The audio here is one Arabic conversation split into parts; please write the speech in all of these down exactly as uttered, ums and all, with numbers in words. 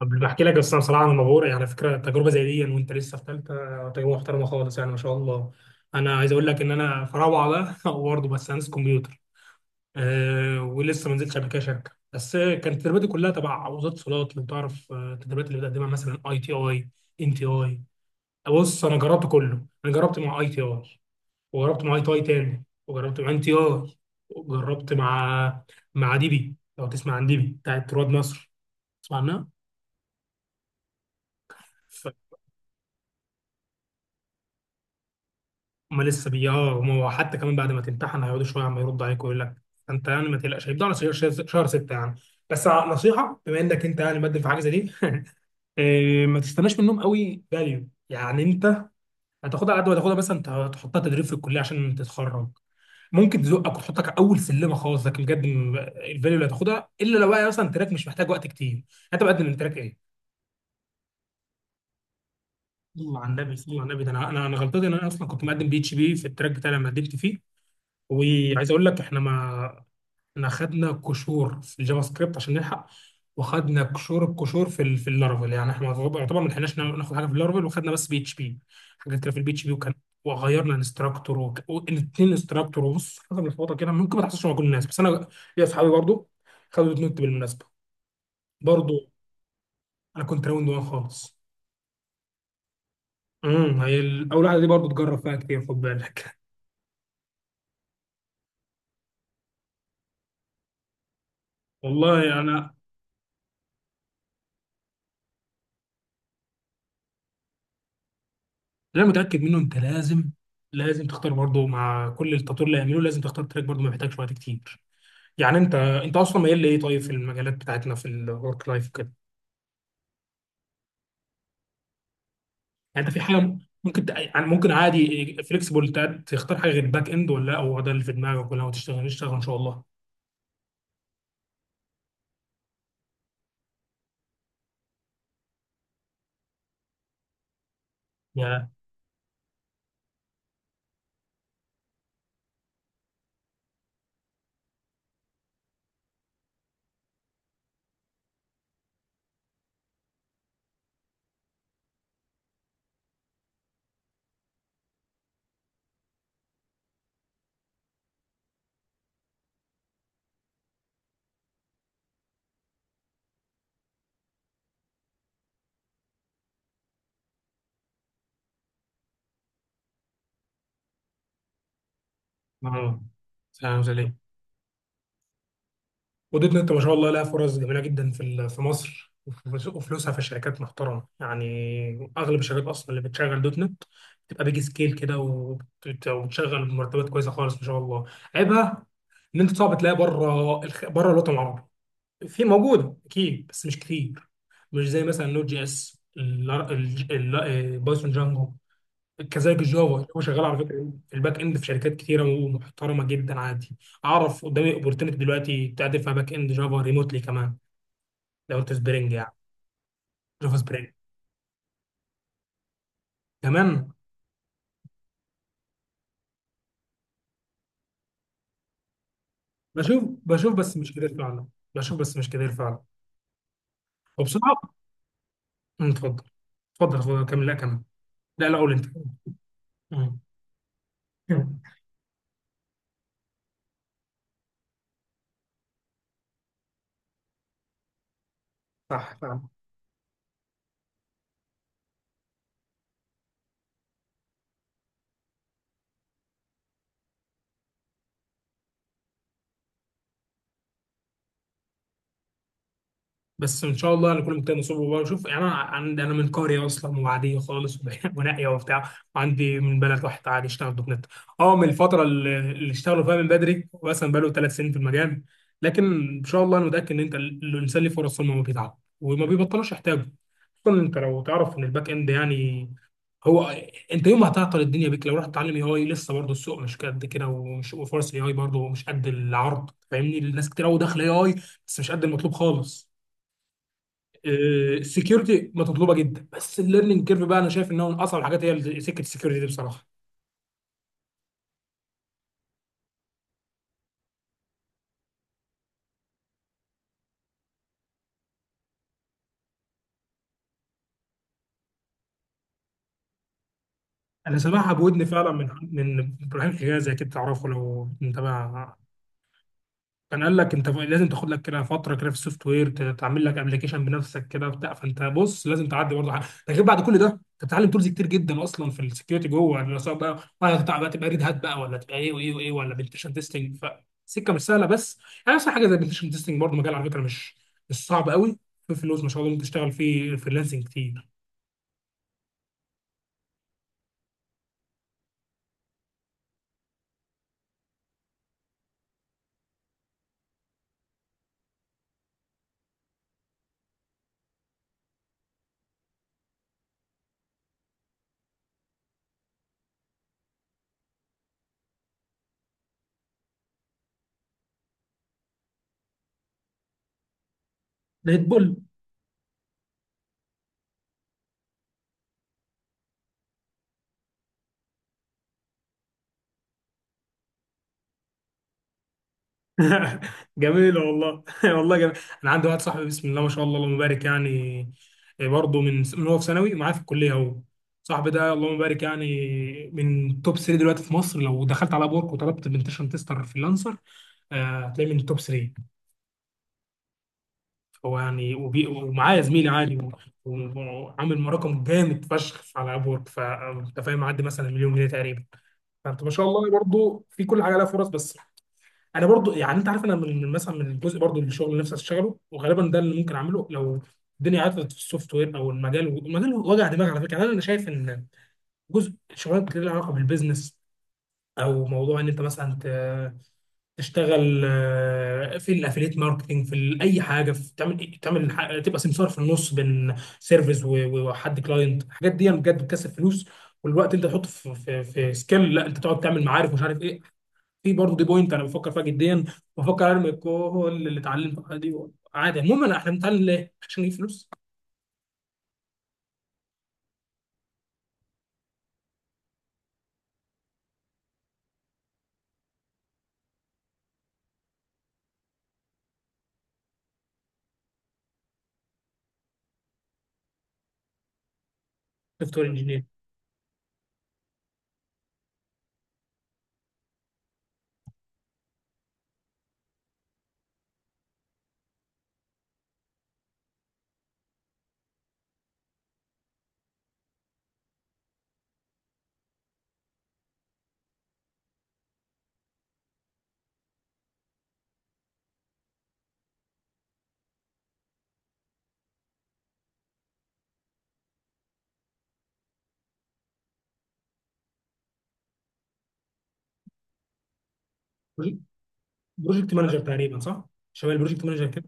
قبل بحكي لك بس انا بصراحه انا مبهور يعني على فكره تجربه زي دي وانت لسه في ثالثه تجربه محترمه خالص يعني ما شاء الله. انا عايز اقول لك ان انا في روعه بقى برضه بس هندسه كمبيوتر. أه ولسه ما نزلتش قبل كده شركه، بس كانت تدريباتي كلها تبع وزاره الاتصالات. لو تعرف آه، التدريبات اللي بتقدمها مثلا اي تي اي، ان تي اي. بص انا جربت كله، انا جربت مع اي تي اي وجربت مع اي تي اي تاني، وجربت مع ان تي اي، وجربت مع مع ديبي. لو تسمع عن ديبي بتاعت رواد مصر، تسمع عنها؟ ف هما لسه بي اه هما هو حتى كمان بعد ما تمتحن هيقعدوا شويه عم يردوا عليك ويقول لك انت يعني ما تقلقش، هيبدأوا على شهر شهر- شهر ستة يعني. بس نصيحه، بما انك انت يعني مقدم في حاجه زي دي إيه، ما تستناش منهم قوي فاليو، يعني انت هتاخدها على قد ما تاخدها بس انت هتحطها تدريب في الكليه عشان تتخرج. ممكن تزقك وتحطك اول سلمه خالص، لكن بجد م- الفاليو اللي هتاخدها، الا لو بقى مثلا تراك مش محتاج وقت كتير. انت مقدم من تراك ايه؟ صلى على النبي، صلى على النبي. ده انا انا أنا غلطتي ان انا اصلا كنت مقدم بي اتش بي في التراك بتاعي لما قدمت فيه. وعايز اقول لك احنا ما احنا خدنا كشور في الجافا سكريبت عشان نلحق، وخدنا كشور الكشور في ال- في اللارفل، يعني احنا يعتبر يعتبر ما لحقناش ناخد حاجه في اللارفل، وخدنا بس بي اتش بي حاجات كده في البي اتش بي. وكان وغيرنا انستراكتور وك... الاثنين انستراكتور. وبص، حاجه ملخبطه كده، ممكن ما تحصلش مع كل الناس، بس انا ليا اصحابي برضو خدوا الاثنين بالمناسبه برضو. انا كنت راوند وان خالص. امم، هي ال- اول واحده دي برضو تجرب فيها كتير، خد بالك. والله انا اللي انا متاكد منه انت لازم، لازم تختار برضو مع كل التطوير اللي هيعمله، لازم تختار تراك برضو ما بيحتاجش وقت كتير. يعني انت انت اصلا مايل لايه؟ طيب في المجالات بتاعتنا في الورك لايف كده، يعني انت في حاجه ممكن تق- يعني ممكن عادي فليكسبل تختار حاجه غير باك اند ولا لا هو ده اللي في دماغك؟ ولا هو تشتغل اشتغل ان شاء الله. يا اه فاهم زي ودوت نت، ما شاء الله لها فرص جميله جدا في ال- في مصر، وف- وفلوسها في الشركات محترمه. يعني اغلب الشركات اصلا اللي بتشغل دوت نت بتبقى بيج سكيل كده، وبت- وبتشغل بمرتبات كويسه خالص ما شاء الله. عيبها ان انت صعب تلاقي بره الخ... بره الوطن العربي. في موجوده اكيد بس مش كتير، مش زي مثلا نوت جي اس الار- الج- ال- آه، بايثون جانجو. كذلك الجافا، هو شغال على فكره الباك اند في شركات كتيره ومحترمه جدا عادي. اعرف قدامي اوبورتونيتي دلوقتي تعدل فيها باك اند جافا ريموتلي كمان، لو انت سبرينج يعني، جافا سبرينج. كمان بشوف بشوف بس مش كتير فعلا. بشوف بس مش كتير فعلا. وبصراحه، أمم، اتفضل. اتفضل اتفضل كمل، لا كمل. لا لا، قول انت. أمم. صح. بس ان شاء الله هنكون مجتهد نصيب. وبقى شوف، يعني انا عندي، انا من قريه اصلا وعاديه خالص ونائيه وبتاع، وعندي من بلد واحد عادي يشتغل دوت نت. اه، من الفتره اللي اللي اشتغلوا فيها من بدري، مثلا بقاله ثلاث سنين في المجال. لكن ان شاء الله انا متاكد ان انت ال- الانسان ليه فرص طول ما هو بيتعب وما بيبطلوش يحتاجه. خصوصا انت لو تعرف ان الباك اند يعني هو، انت يوم ما هتعطل الدنيا بيك لو رحت تتعلم اي اي، لسه برضه السوق مش قد كده، ومش وفرص الاي اي برضه مش قد العرض. فاهمني، الناس كتير قوي داخله اي اي بس مش قد المطلوب خالص. السكيورتي مطلوبه جدا، بس الليرنينج كيرف بقى انا شايف ان هو من اصعب الحاجات، هي ال- سكه السكيورتي دي بصراحه. انا سامعها بودني فعلا من من ابراهيم حجازي، اكيد تعرفه لو متابع. كان قال لك انت لازم تاخد لك كده فتره كده في السوفت وير ت- تعمل لك ابلكيشن بنفسك كده بتاع. فانت بص لازم تعدي برضه حاجه. ده غير بعد كل ده انت بتتعلم تولز كتير جدا اصلا في السكيورتي جوه، يعني سواء بقى ولا هتبقى بقى، تبقى ريد هات بقى ولا تبقى ايه وايه وايه ولا بنتشن تيستنج. فسكه مش سهله. بس يعني اصلا حاجه زي بنتشن تيستنج برضه مجال على فكره، مش مش صعب قوي، في فلوس ما شاء الله، ممكن تشتغل فيه فريلانسنج كتير. ده هيت بول. جميلة والله. والله جميل. أنا عندي واحد صاحبي، بسم الله ما شاء الله اللهم بارك يعني، آه، برضه من من هو في ثانوي ومعاه في الكلية. هو صاحبي ده، اللهم بارك، يعني من توب ثلاثة دلوقتي في مصر. لو دخلت على أبورك وطلبت بنتشن تستر فريلانسر، آه، هتلاقيه من التوب ثلاثة. هو يعني وبي- ومعاه زميلي عادي، و- و- وعامل رقم جامد فشخ على أبورك، فأنت فاهم، معدي مثلا مليون جنيه تقريبا. فأنت ما شاء الله برضه في كل حاجة لها فرص. بس انا برضو، يعني انت عارف، انا من مثلا، من الجزء برضو من الشغل اللي نفسي اشتغله، وغالبا ده اللي ممكن اعمله لو الدنيا عطلت في السوفت وير او المجال. المجال وجع دماغ على فكره، يعني انا شايف ان جزء شغلات كتير لها علاقه بالبيزنس. او موضوع ان انت مثلا ت- تشتغل آه، في الافيليت ماركتنج، في ال- اي حاجه، في تعمل، تعمل ح- تبقى سمسار في النص بين سيرفيس و- وحد كلاينت. الحاجات دي بجد بتكسب فلوس، والوقت انت تحطه في في في سكيل، لا انت تقعد تعمل معارف ومش عارف ايه. في برضه دي بوينت انا بفكر فيها جديا، بفكر ارمي كل اللي اتعلمته دي عادي. عموما انا- احنا بنتعلم ليه؟ عشان نجيب فلوس. سوفت وير انجينير، بروجكت مانجر تقريبا صح؟ شباب البروجكت مانجر كده.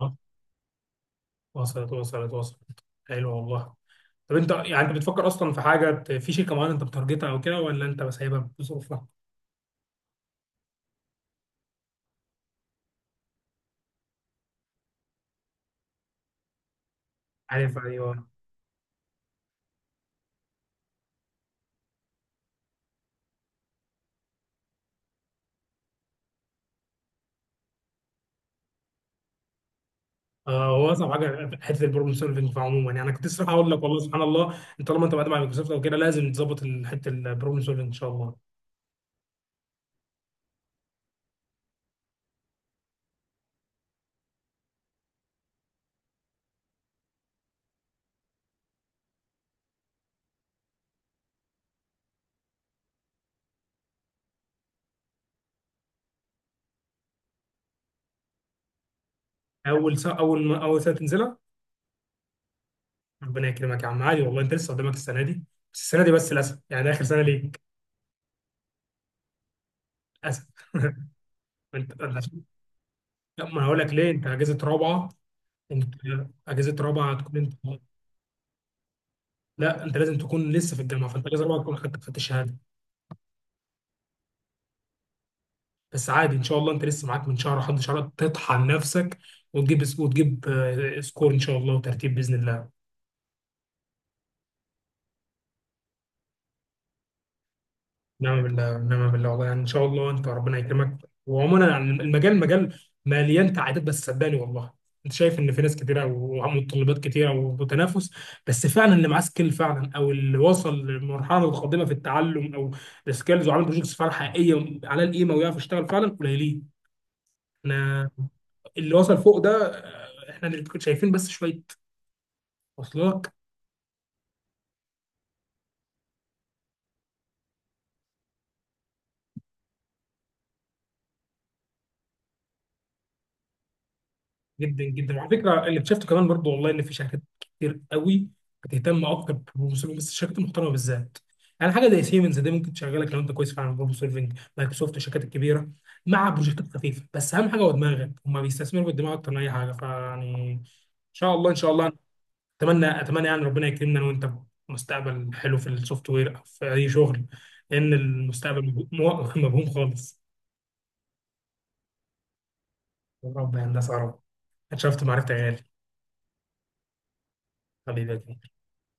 آه، وصلت، وصلت، وصلت. حلو والله. طب انت يعني انت بتفكر اصلا في حاجه ت- في شركه معينه انت بتارجتها او كده، ولا انت بس سايبها بظروفها؟ عارف، ايوه. اه، هو اصعب حاجه حته البروبلم سولفنج عموما، يعني انا كنت لسه هقول لك والله سبحان الله. انت طالما انت بعد مع مايكروسوفت او كده، لازم تظبط حته البروبلم سولفنج ان شاء الله. اول سنه، اول ما اول سنه تنزلها؟ ربنا يكرمك يا عم، عادي والله، انت لسه قدامك السنه دي. بس السنه دي بس للاسف، يعني ده اخر سنه ليك، للاسف. ما انت أنت عشان- لا، ما أنا هقول لك ليه. انت اجازه رابعه، انت اجازه رابعه هتكون انت، لا انت لازم تكون لسه في الجامعه. فانت اجازه رابعه تكون خدت خدت الشهاده. بس عادي ان شاء الله، انت لسه معاك من شهر لحد شهر تطحن نفسك وتجيب، وتجيب آه، سكور ان شاء الله وترتيب باذن الله. نعم بالله، نعم بالله، والله يعني ان شاء الله انت ربنا يكرمك. وعموما يعني المجال، مجال مليان تعقيدات، بس صدقني والله انت شايف ان في ناس كتيره ومتطلبات كتيره وتنافس. بس فعلا اللي معاه سكيل فعلا، او اللي وصل لمرحله القادمه في التعلم او السكيلز، وعمل بروجكتس فعلا حقيقيه على القيمه ويعرف يشتغل فعلا، قليلين. انا، اللي وصل فوق ده، آه، احنا اللي شايفين بس شويه، وصلك؟ جدا جدا. وعلى فكره اللي اكتشفته كمان برضو والله، ان في شركات كتير قوي بتهتم اكتر بالبروبلم سولفنج، بس الشركات المحترمه بالذات. يعني حاجه زي سيمنز دي ممكن تشغلك لو انت كويس فعلا بروبلم سولفنج، مايكروسوفت، الشركات الكبيره، مع بروجكتات خفيفه، بس اهم حاجه هو دماغك، هم بيستثمروا بالدماغ اكتر من اي حاجه. فيعني ان شاء الله، ان شاء الله. اتمنى، اتمنى يعني ربنا يكرمنا أنا وانت مستقبل حلو في السوفت وير او في اي شغل، لان المستقبل مبهو- مبهوم خالص. يا رب، يا هندسه يا رب. اتشرفت معرفتك يا غالي. حبيبي.